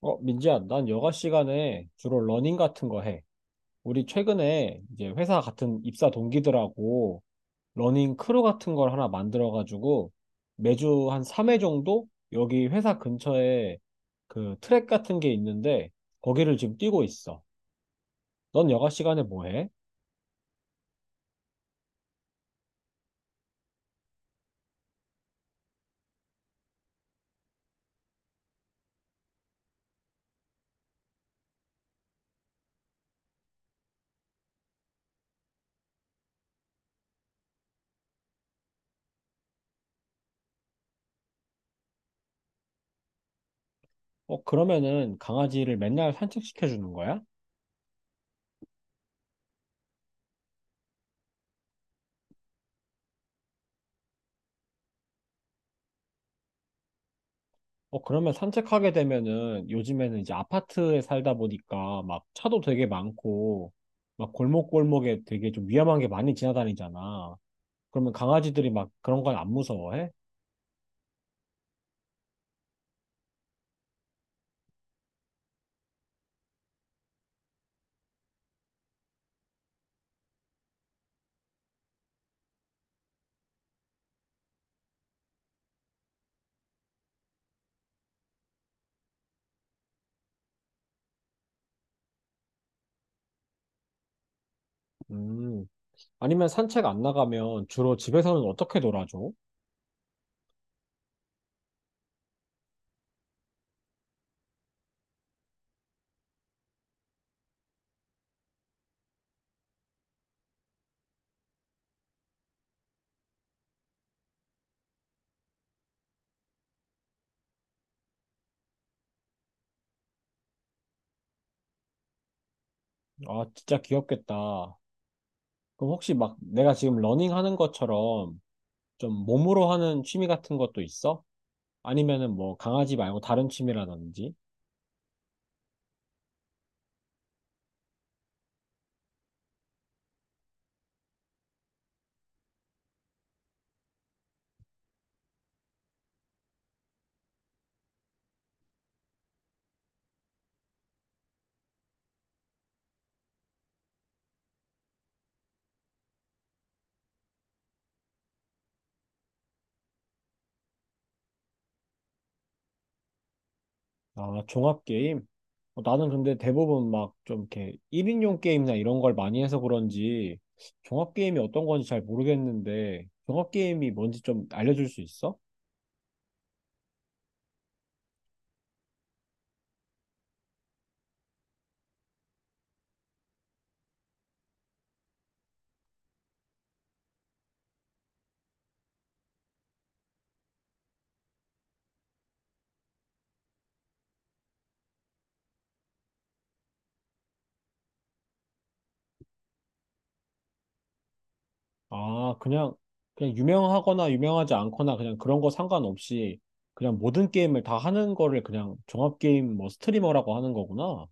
어, 민지야, 난 여가 시간에 주로 러닝 같은 거 해. 우리 최근에 이제 회사 같은 입사 동기들하고 러닝 크루 같은 걸 하나 만들어가지고 매주 한 3회 정도 여기 회사 근처에 그 트랙 같은 게 있는데 거기를 지금 뛰고 있어. 넌 여가 시간에 뭐 해? 어, 그러면은 강아지를 맨날 산책시켜 주는 거야? 어, 그러면 산책하게 되면은 요즘에는 이제 아파트에 살다 보니까 막 차도 되게 많고 막 골목골목에 되게 좀 위험한 게 많이 지나다니잖아. 그러면 강아지들이 막 그런 건 안 무서워해? 음. 아니면 산책 안 나가면 주로 집에서는 어떻게 놀아줘? 아, 진짜 귀엽겠다. 그럼 혹시 막 내가 지금 러닝 하는 것처럼 좀 몸으로 하는 취미 같은 것도 있어? 아니면은 뭐 강아지 말고 다른 취미라든지? 아, 종합 게임? 어, 나는 근데 대부분 막 좀 이렇게 1인용 게임이나 이런 걸 많이 해서 그런지 종합 게임이 어떤 건지 잘 모르겠는데 종합 게임이 뭔지 좀 알려줄 수 있어? 아, 그냥 유명하거나 유명하지 않거나 그냥 그런 거 상관없이 그냥 모든 게임을 다 하는 거를 그냥 종합 게임 뭐 스트리머라고 하는 거구나.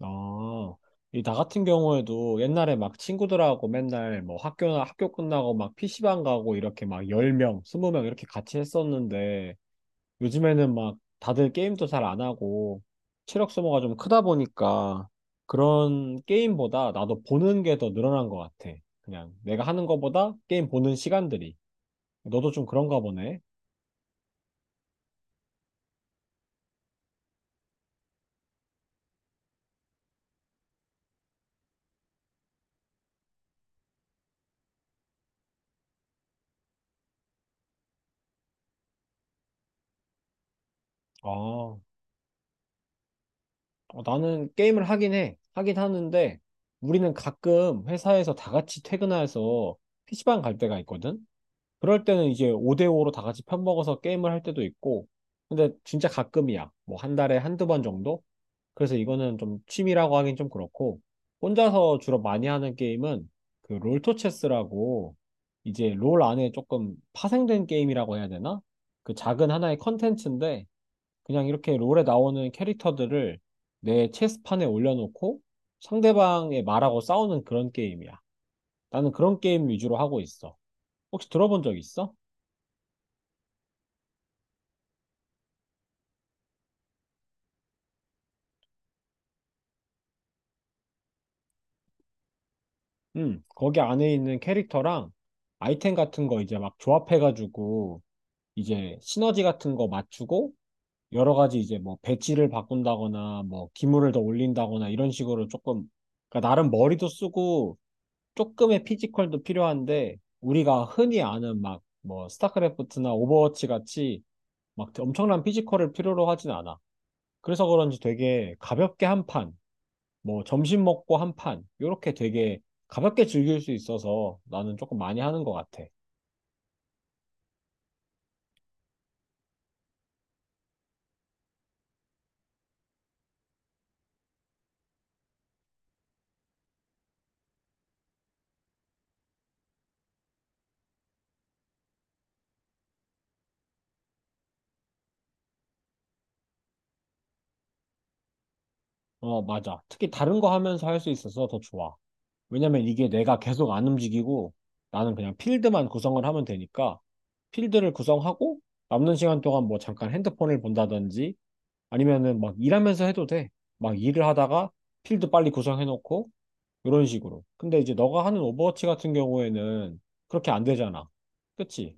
아, 이 나 같은 경우에도 옛날에 막 친구들하고 맨날 뭐 학교나 학교 끝나고 막 PC방 가고 이렇게 막 10명, 20명 이렇게 같이 했었는데 요즘에는 막 다들 게임도 잘 안 하고 체력 소모가 좀 크다 보니까 그런 게임보다 나도 보는 게 더 늘어난 것 같아. 그냥 내가 하는 것보다 게임 보는 시간들이. 너도 좀 그런가 보네. 아. 어, 나는 게임을 하긴 해. 하긴 하는데, 우리는 가끔 회사에서 다 같이 퇴근해서 피시방 갈 때가 있거든? 그럴 때는 이제 5대5로 다 같이 편먹어서 게임을 할 때도 있고, 근데 진짜 가끔이야. 뭐 한 달에 1~2번 정도? 그래서 이거는 좀 취미라고 하긴 좀 그렇고, 혼자서 주로 많이 하는 게임은 그 롤토체스라고, 이제 롤 안에 조금 파생된 게임이라고 해야 되나? 그 작은 하나의 컨텐츠인데, 그냥 이렇게 롤에 나오는 캐릭터들을 내 체스판에 올려놓고 상대방의 말하고 싸우는 그런 게임이야. 나는 그런 게임 위주로 하고 있어. 혹시 들어본 적 있어? 응, 거기 안에 있는 캐릭터랑 아이템 같은 거 이제 막 조합해가지고 이제 시너지 같은 거 맞추고 여러 가지 이제 뭐 배치를 바꾼다거나 뭐 기물을 더 올린다거나 이런 식으로 조금 그러니까 나름 머리도 쓰고 조금의 피지컬도 필요한데 우리가 흔히 아는 막 뭐 스타크래프트나 오버워치 같이 막 엄청난 피지컬을 필요로 하진 않아. 그래서 그런지 되게 가볍게 한 판, 뭐 점심 먹고 한 판, 요렇게 되게 가볍게 즐길 수 있어서 나는 조금 많이 하는 것 같아. 어, 맞아. 특히 다른 거 하면서 할 수 있어서 더 좋아. 왜냐면 이게 내가 계속 안 움직이고 나는 그냥 필드만 구성을 하면 되니까 필드를 구성하고 남는 시간 동안 뭐 잠깐 핸드폰을 본다든지 아니면은 막 일하면서 해도 돼. 막 일을 하다가 필드 빨리 구성해놓고 이런 식으로. 근데 이제 너가 하는 오버워치 같은 경우에는 그렇게 안 되잖아. 그치?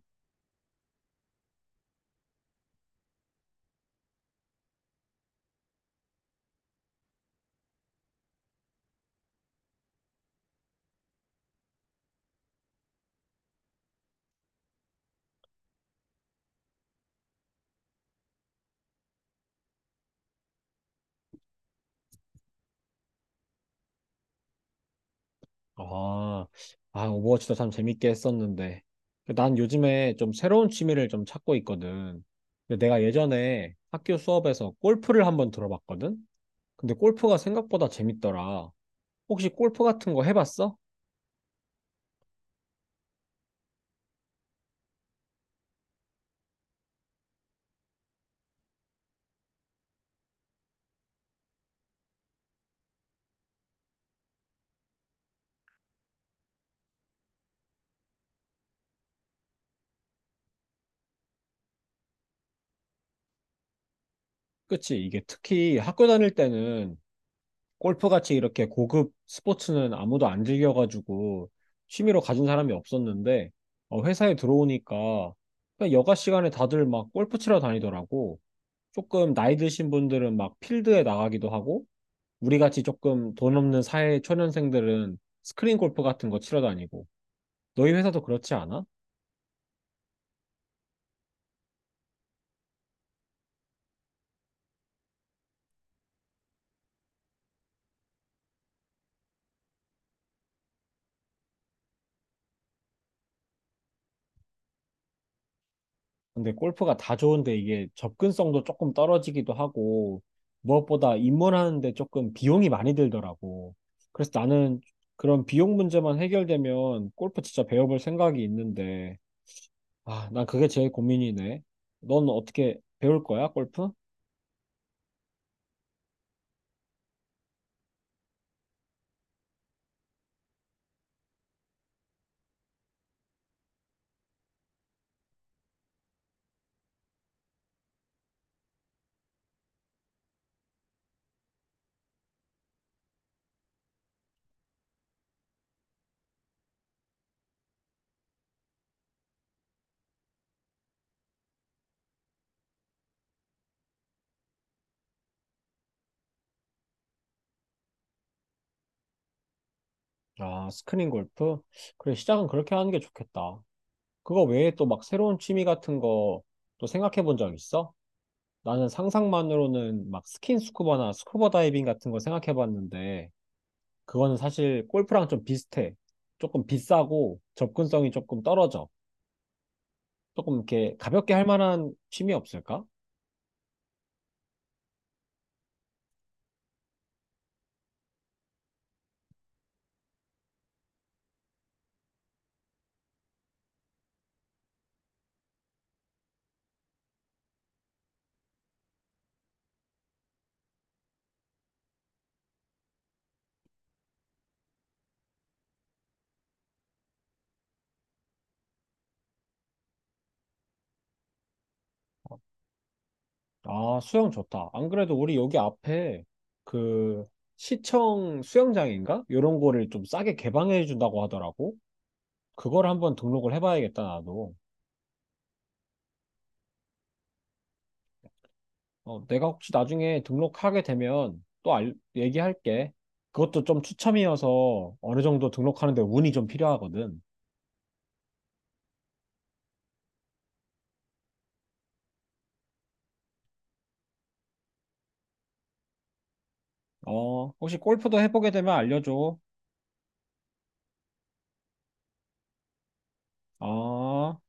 아, 아, 오버워치도 참 재밌게 했었는데. 난 요즘에 좀 새로운 취미를 좀 찾고 있거든. 근데 내가 예전에 학교 수업에서 골프를 한번 들어봤거든? 근데 골프가 생각보다 재밌더라. 혹시 골프 같은 거 해봤어? 그치? 이게 특히 학교 다닐 때는 골프같이 이렇게 고급 스포츠는 아무도 안 즐겨가지고 취미로 가진 사람이 없었는데 어, 회사에 들어오니까 그냥 여가 시간에 다들 막 골프 치러 다니더라고. 조금 나이 드신 분들은 막 필드에 나가기도 하고 우리 같이 조금 돈 없는 사회 초년생들은 스크린 골프 같은 거 치러 다니고 너희 회사도 그렇지 않아? 근데 골프가 다 좋은데 이게 접근성도 조금 떨어지기도 하고 무엇보다 입문하는데 조금 비용이 많이 들더라고. 그래서 나는 그런 비용 문제만 해결되면 골프 진짜 배워볼 생각이 있는데 아, 난 그게 제일 고민이네. 넌 어떻게 배울 거야, 골프? 아, 스크린 골프? 그래, 시작은 그렇게 하는 게 좋겠다. 그거 외에 또 막 새로운 취미 같은 거 또 생각해 본 적 있어? 나는 상상만으로는 막 스킨 스쿠버나 스쿠버 다이빙 같은 거 생각해 봤는데 그거는 사실 골프랑 좀 비슷해. 조금 비싸고 접근성이 조금 떨어져. 조금 이렇게 가볍게 할 만한 취미 없을까? 아, 수영 좋다. 안 그래도 우리 여기 앞에 그 시청 수영장인가? 요런 거를 좀 싸게 개방해 준다고 하더라고. 그걸 한번 등록을 해봐야겠다, 나도. 어, 내가 혹시 나중에 등록하게 되면 또 얘기할게. 그것도 좀 추첨이어서 어느 정도 등록하는데 운이 좀 필요하거든. 어, 혹시 골프도 해보게 되면 알려줘. 어.